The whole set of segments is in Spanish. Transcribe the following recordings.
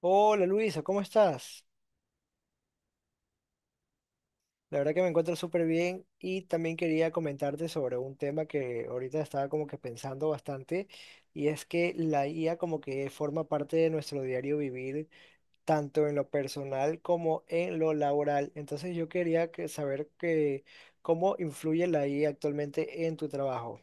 Hola Luisa, ¿cómo estás? La verdad que me encuentro súper bien y también quería comentarte sobre un tema que ahorita estaba como que pensando bastante y es que la IA como que forma parte de nuestro diario vivir tanto en lo personal como en lo laboral. Entonces yo quería saber que, cómo influye la IA actualmente en tu trabajo.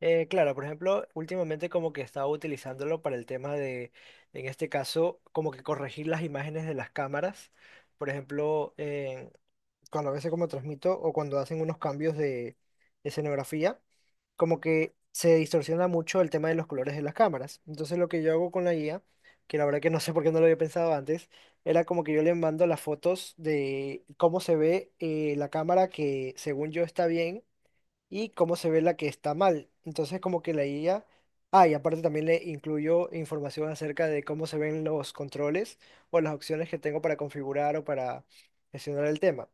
Claro, por ejemplo, últimamente como que estaba utilizándolo para el tema de, en este caso, como que corregir las imágenes de las cámaras. Por ejemplo, cuando a veces como transmito o cuando hacen unos cambios de escenografía, como que se distorsiona mucho el tema de los colores de las cámaras. Entonces lo que yo hago con la guía, que la verdad que no sé por qué no lo había pensado antes, era como que yo le mando las fotos de cómo se ve la cámara que según yo está bien y cómo se ve la que está mal. Entonces, como que la IA, ah, y aparte también le incluyo información acerca de cómo se ven los controles o las opciones que tengo para configurar o para gestionar el tema.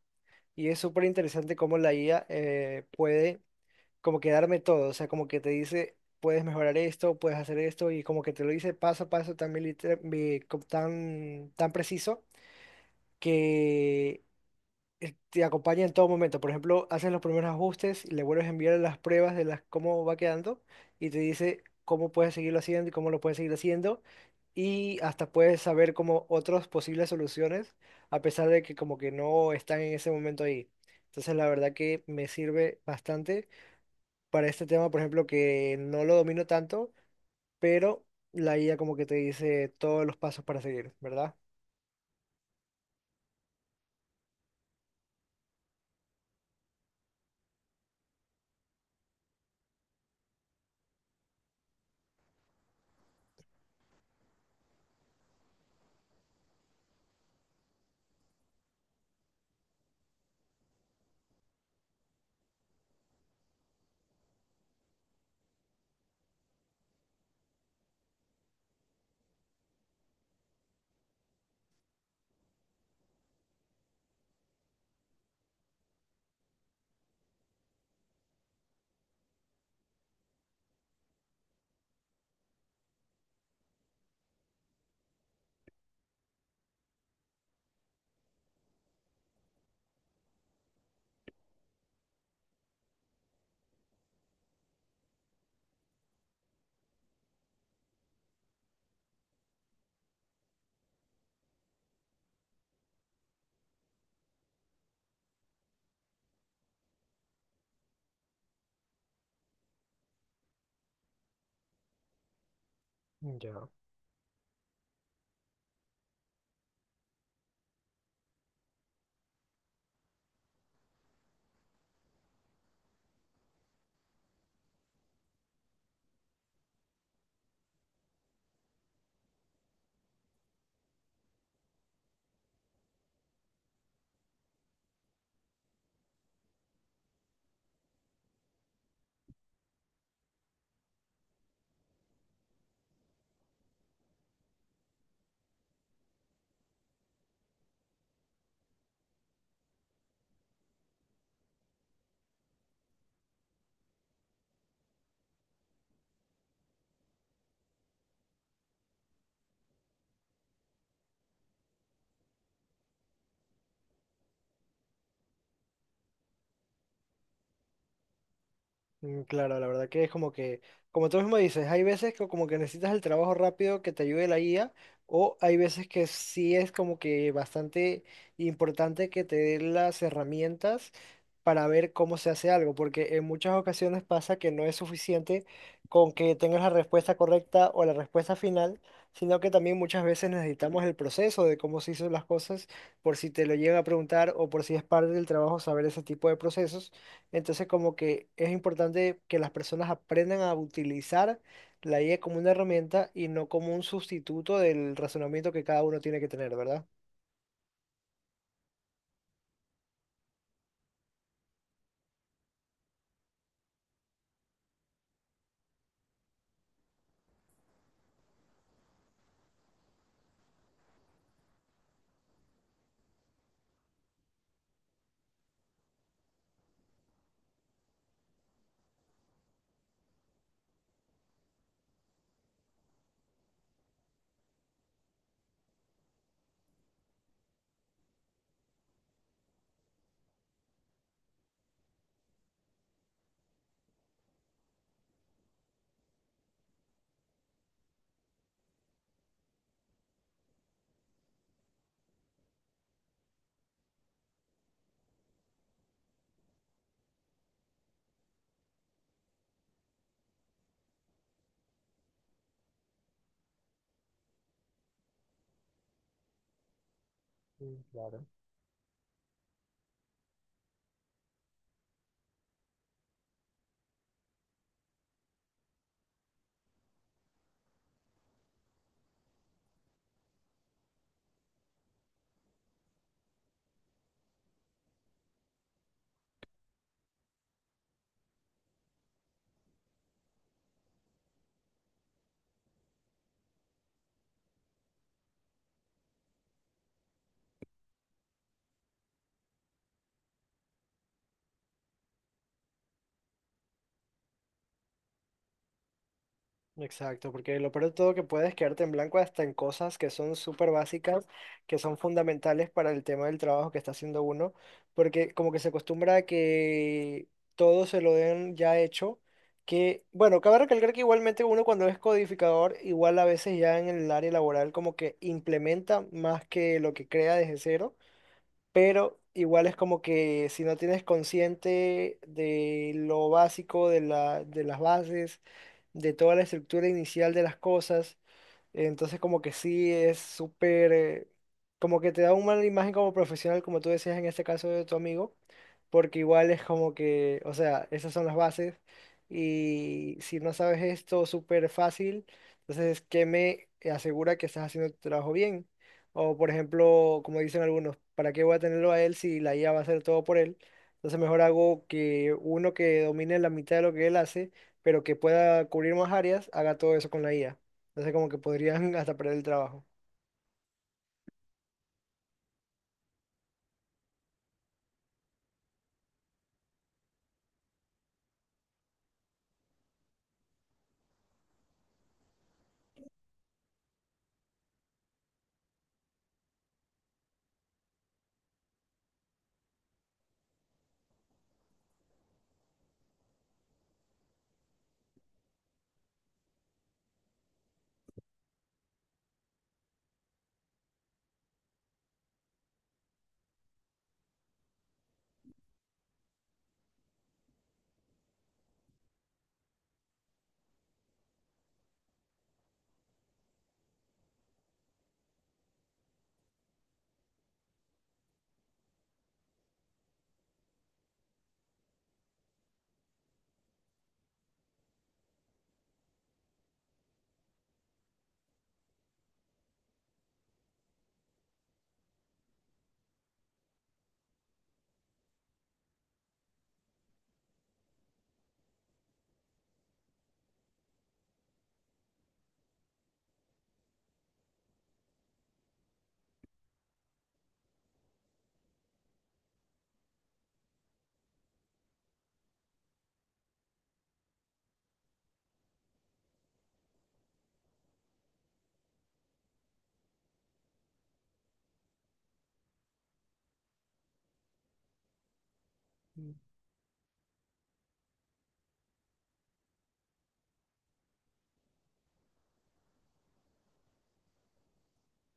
Y es súper interesante cómo la IA puede como que darme todo, o sea, como que te dice, puedes mejorar esto, puedes hacer esto, y como que te lo dice paso a paso tan, tan, tan preciso. Que Te acompaña en todo momento. Por ejemplo, haces los primeros ajustes, le vuelves a enviar las pruebas de las, cómo va quedando y te dice cómo puedes seguirlo haciendo y cómo lo puedes seguir haciendo. Y hasta puedes saber como otras posibles soluciones, a pesar de que como que no están en ese momento ahí. Entonces, la verdad que me sirve bastante para este tema, por ejemplo, que no lo domino tanto, pero la IA como que te dice todos los pasos para seguir, ¿verdad? Ya. Claro, la verdad que es como que, como tú mismo dices, hay veces que como que necesitas el trabajo rápido que te ayude la guía, o hay veces que sí es como que bastante importante que te dé las herramientas para ver cómo se hace algo, porque en muchas ocasiones pasa que no es suficiente con que tengas la respuesta correcta o la respuesta final, sino que también muchas veces necesitamos el proceso de cómo se hizo las cosas, por si te lo llegan a preguntar o por si es parte del trabajo saber ese tipo de procesos. Entonces, como que es importante que las personas aprendan a utilizar la IA como una herramienta y no como un sustituto del razonamiento que cada uno tiene que tener, ¿verdad? Sí, claro. Exacto, porque lo peor de todo que puedes quedarte en blanco hasta en cosas que son súper básicas, que son fundamentales para el tema del trabajo que está haciendo uno, porque como que se acostumbra a que todo se lo den ya hecho, que bueno, cabe recalcar que igualmente uno cuando es codificador, igual a veces ya en el área laboral como que implementa más que lo que crea desde cero, pero igual es como que si no tienes consciente de lo básico, de las bases, de toda la estructura inicial de las cosas, entonces como que sí es súper, como que te da una mala imagen como profesional, como tú decías en este caso de tu amigo, porque igual es como que, o sea, esas son las bases y si no sabes esto súper fácil, entonces, ¿qué me asegura que estás haciendo tu trabajo bien? O por ejemplo, como dicen algunos, ¿para qué voy a tenerlo a él si la IA va a hacer todo por él? Entonces mejor hago que uno que domine la mitad de lo que él hace, pero que pueda cubrir más áreas, haga todo eso con la IA. Entonces como que podrían hasta perder el trabajo.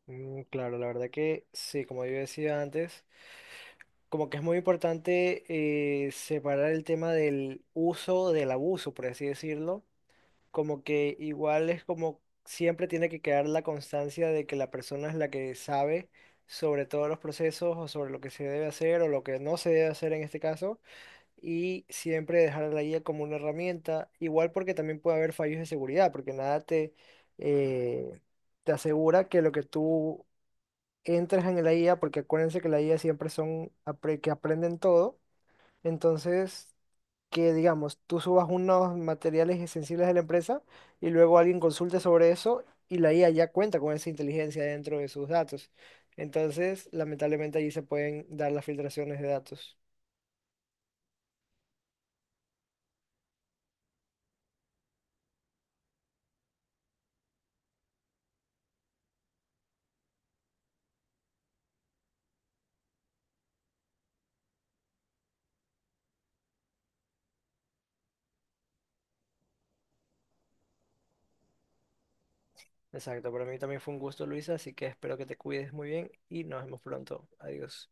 Claro, la verdad que sí, como yo decía antes, como que es muy importante separar el tema del uso del abuso, por así decirlo. Como que igual es como siempre tiene que quedar la constancia de que la persona es la que sabe sobre todos los procesos o sobre lo que se debe hacer o lo que no se debe hacer en este caso y siempre dejar a la guía como una herramienta, igual porque también puede haber fallos de seguridad, porque nada te, eh, te asegura que lo que tú entras en la IA, porque acuérdense que la IA siempre son que aprenden todo. Entonces, que digamos, tú subas unos materiales sensibles de la empresa y luego alguien consulte sobre eso y la IA ya cuenta con esa inteligencia dentro de sus datos. Entonces, lamentablemente allí se pueden dar las filtraciones de datos. Exacto, para mí también fue un gusto, Luisa, así que espero que te cuides muy bien y nos vemos pronto. Adiós.